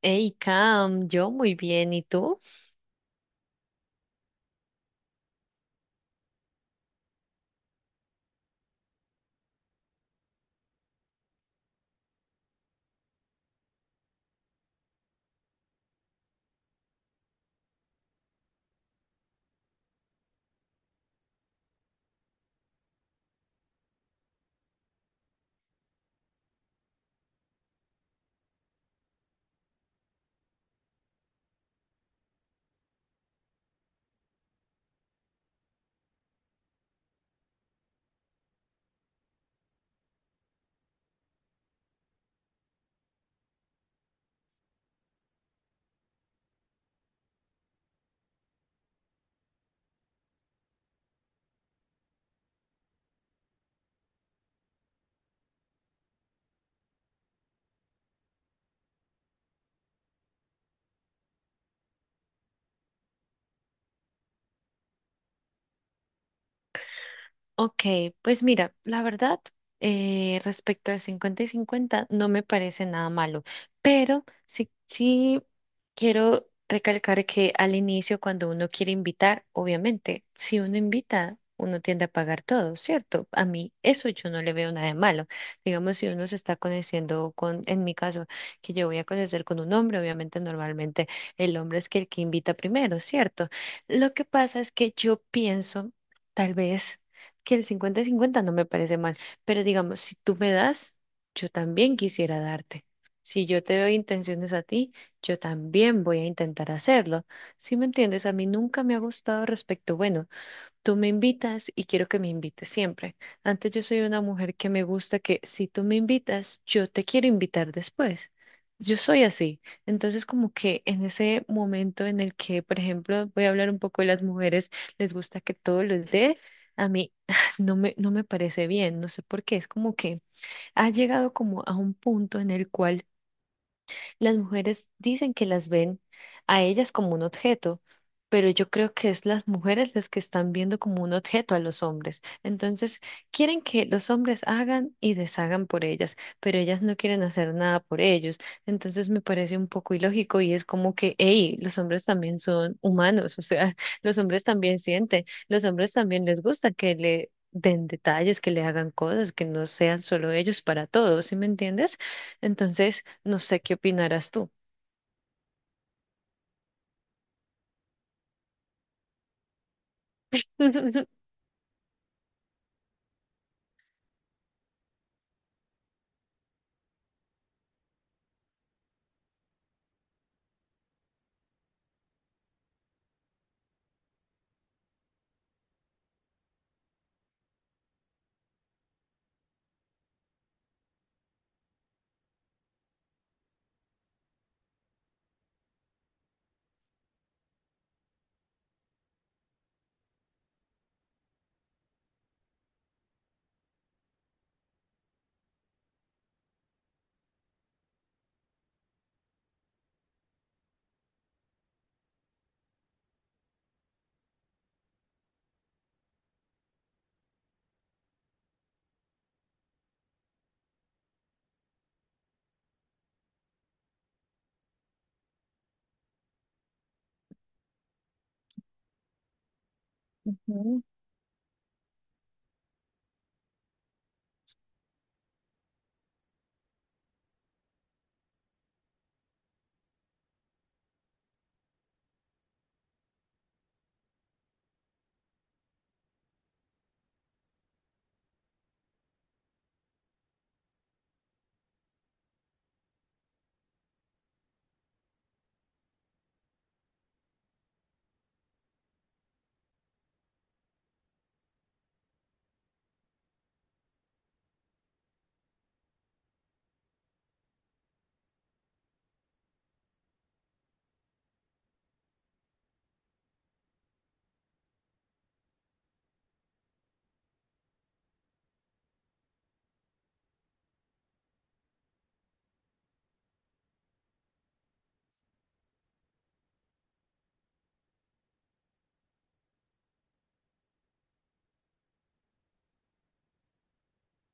Hey, Cam, yo muy bien, ¿y tú? Ok, pues mira, la verdad, respecto de 50 y 50 no me parece nada malo, pero sí quiero recalcar que al inicio, cuando uno quiere invitar, obviamente, si uno invita, uno tiende a pagar todo, ¿cierto? A mí eso yo no le veo nada de malo. Digamos, si uno se está conociendo con, en mi caso, que yo voy a conocer con un hombre, obviamente normalmente el hombre es que el que invita primero, ¿cierto? Lo que pasa es que yo pienso, tal vez que el 50-50 no me parece mal, pero digamos, si tú me das, yo también quisiera darte. Si yo te doy intenciones a ti, yo también voy a intentar hacerlo. Si me entiendes, a mí nunca me ha gustado respecto, bueno, tú me invitas y quiero que me invites siempre. Antes yo soy una mujer que me gusta que si tú me invitas, yo te quiero invitar después. Yo soy así. Entonces, como que en ese momento en el que, por ejemplo, voy a hablar un poco de las mujeres, les gusta que todo les dé, a mí no me parece bien, no sé por qué. Es como que ha llegado como a un punto en el cual las mujeres dicen que las ven a ellas como un objeto, pero yo creo que es las mujeres las que están viendo como un objeto a los hombres. Entonces, quieren que los hombres hagan y deshagan por ellas, pero ellas no quieren hacer nada por ellos. Entonces, me parece un poco ilógico y es como que, hey, los hombres también son humanos, o sea, los hombres también sienten, los hombres también les gusta que le den detalles, que le hagan cosas, que no sean solo ellos para todos, ¿sí me entiendes? Entonces, no sé qué opinarás tú. Ujú.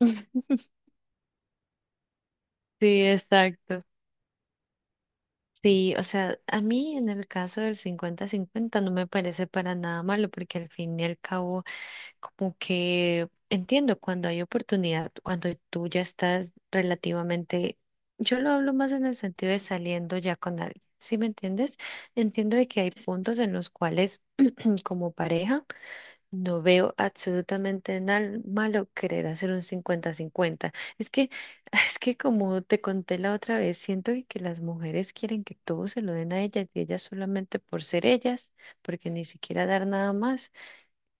Sí, exacto. Sí, o sea, a mí en el caso del cincuenta-cincuenta no me parece para nada malo porque al fin y al cabo como que entiendo cuando hay oportunidad, cuando tú ya estás relativamente, yo lo hablo más en el sentido de saliendo ya con alguien, ¿sí me entiendes? Entiendo de que hay puntos en los cuales como pareja. No veo absolutamente nada malo querer hacer un 50-50. Es que, es que como te conté la otra vez, siento que las mujeres quieren que todo se lo den a ellas y ellas solamente por ser ellas, porque ni siquiera dar nada más,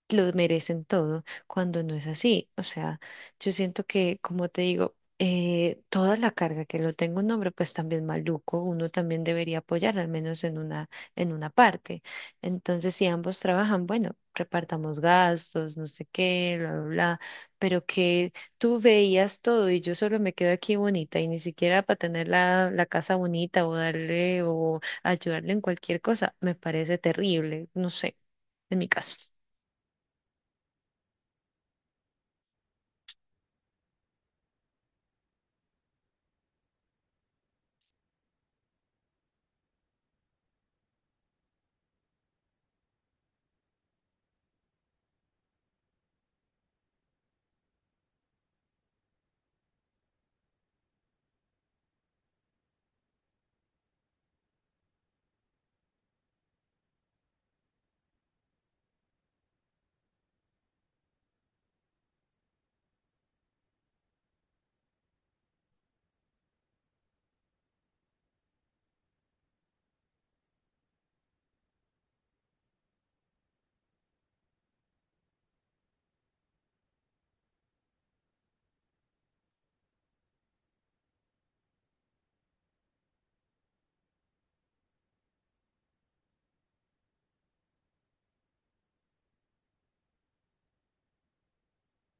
lo merecen todo, cuando no es así. O sea, yo siento que, como te digo, toda la carga que lo tenga un hombre, pues también maluco, uno también debería apoyar, al menos en una parte. Entonces, si ambos trabajan, bueno, repartamos gastos, no sé qué, bla, bla, bla, pero que tú veías todo y yo solo me quedo aquí bonita y ni siquiera para tener la casa bonita o darle o ayudarle en cualquier cosa, me parece terrible, no sé, en mi caso.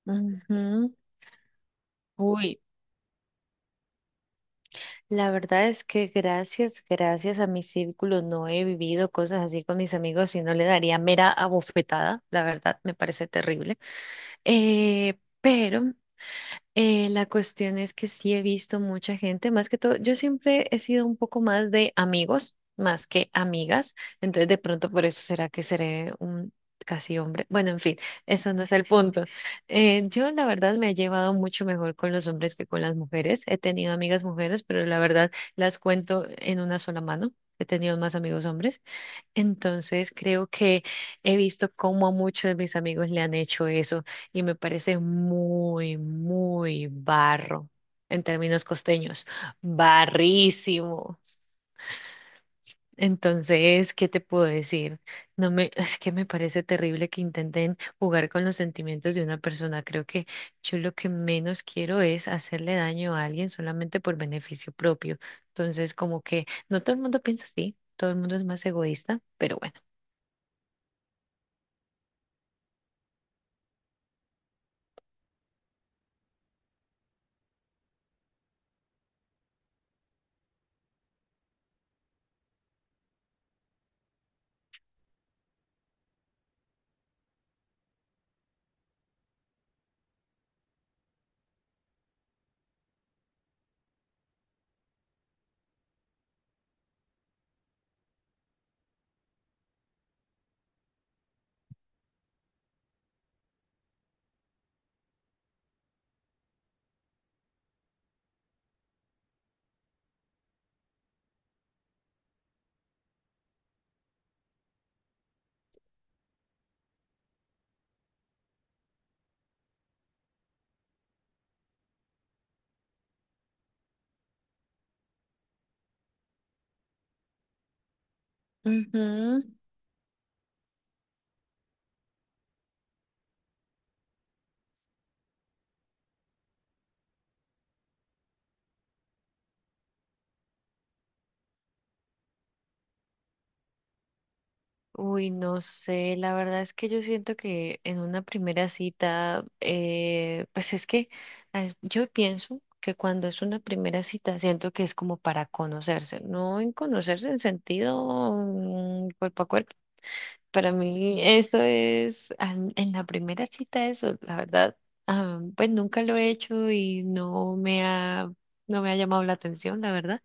Ujú. Uy, la verdad es que gracias a mi círculo no he vivido cosas así con mis amigos y no le daría mera abofetada, la verdad me parece terrible. Pero la cuestión es que sí he visto mucha gente, más que todo, yo siempre he sido un poco más de amigos, más que amigas, entonces de pronto por eso será que seré un casi hombre. Bueno, en fin, eso no es el punto. Yo la verdad me he llevado mucho mejor con los hombres que con las mujeres. He tenido amigas mujeres, pero la verdad las cuento en una sola mano. He tenido más amigos hombres. Entonces creo que he visto cómo a muchos de mis amigos le han hecho eso y me parece muy, muy barro en términos costeños, barrísimo. Entonces, ¿qué te puedo decir? No me, es que me parece terrible que intenten jugar con los sentimientos de una persona. Creo que yo lo que menos quiero es hacerle daño a alguien solamente por beneficio propio. Entonces, como que no todo el mundo piensa así, todo el mundo es más egoísta, pero bueno. Ujú. Uy, no sé, la verdad es que yo siento que en una primera cita, pues es que yo pienso que cuando es una primera cita, siento que es como para conocerse, no en conocerse en sentido cuerpo a cuerpo. Para mí eso es, en la primera cita eso, la verdad, ah, pues nunca lo he hecho y no me ha llamado la atención, la verdad.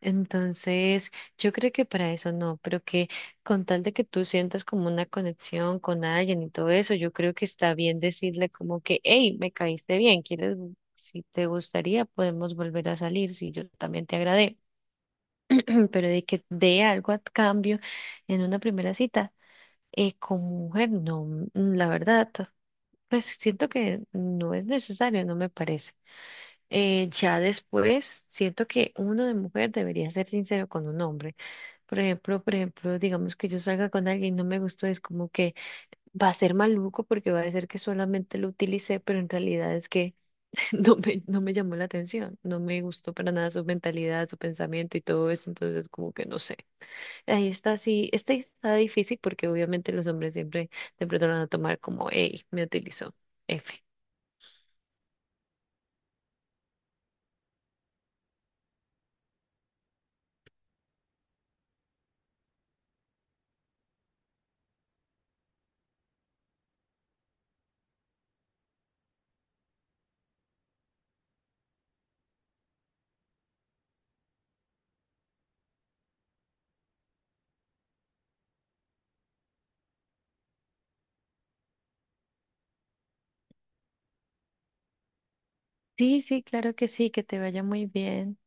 Entonces, yo creo que para eso no, pero que con tal de que tú sientas como una conexión con alguien y todo eso, yo creo que está bien decirle como que, hey, me caíste bien, quieres, si te gustaría, podemos volver a salir, si yo también te agradé, pero de que dé algo a cambio en una primera cita, como mujer, no, mm, mm, la verdad, pues siento que no es necesario, no me parece. Ya después, siento que uno de mujer debería ser sincero con un hombre. Por ejemplo, digamos que yo salga con alguien y no me gustó, es como que va a ser maluco porque va a decir que solamente lo utilicé, pero en realidad es que no me llamó la atención, no me gustó para nada su mentalidad, su pensamiento y todo eso, entonces como que no sé. Ahí está, sí, este está difícil porque obviamente los hombres siempre te pronto lo van a tomar como, hey, me utilizó, F. Sí, sí, claro que sí, que te vaya muy bien.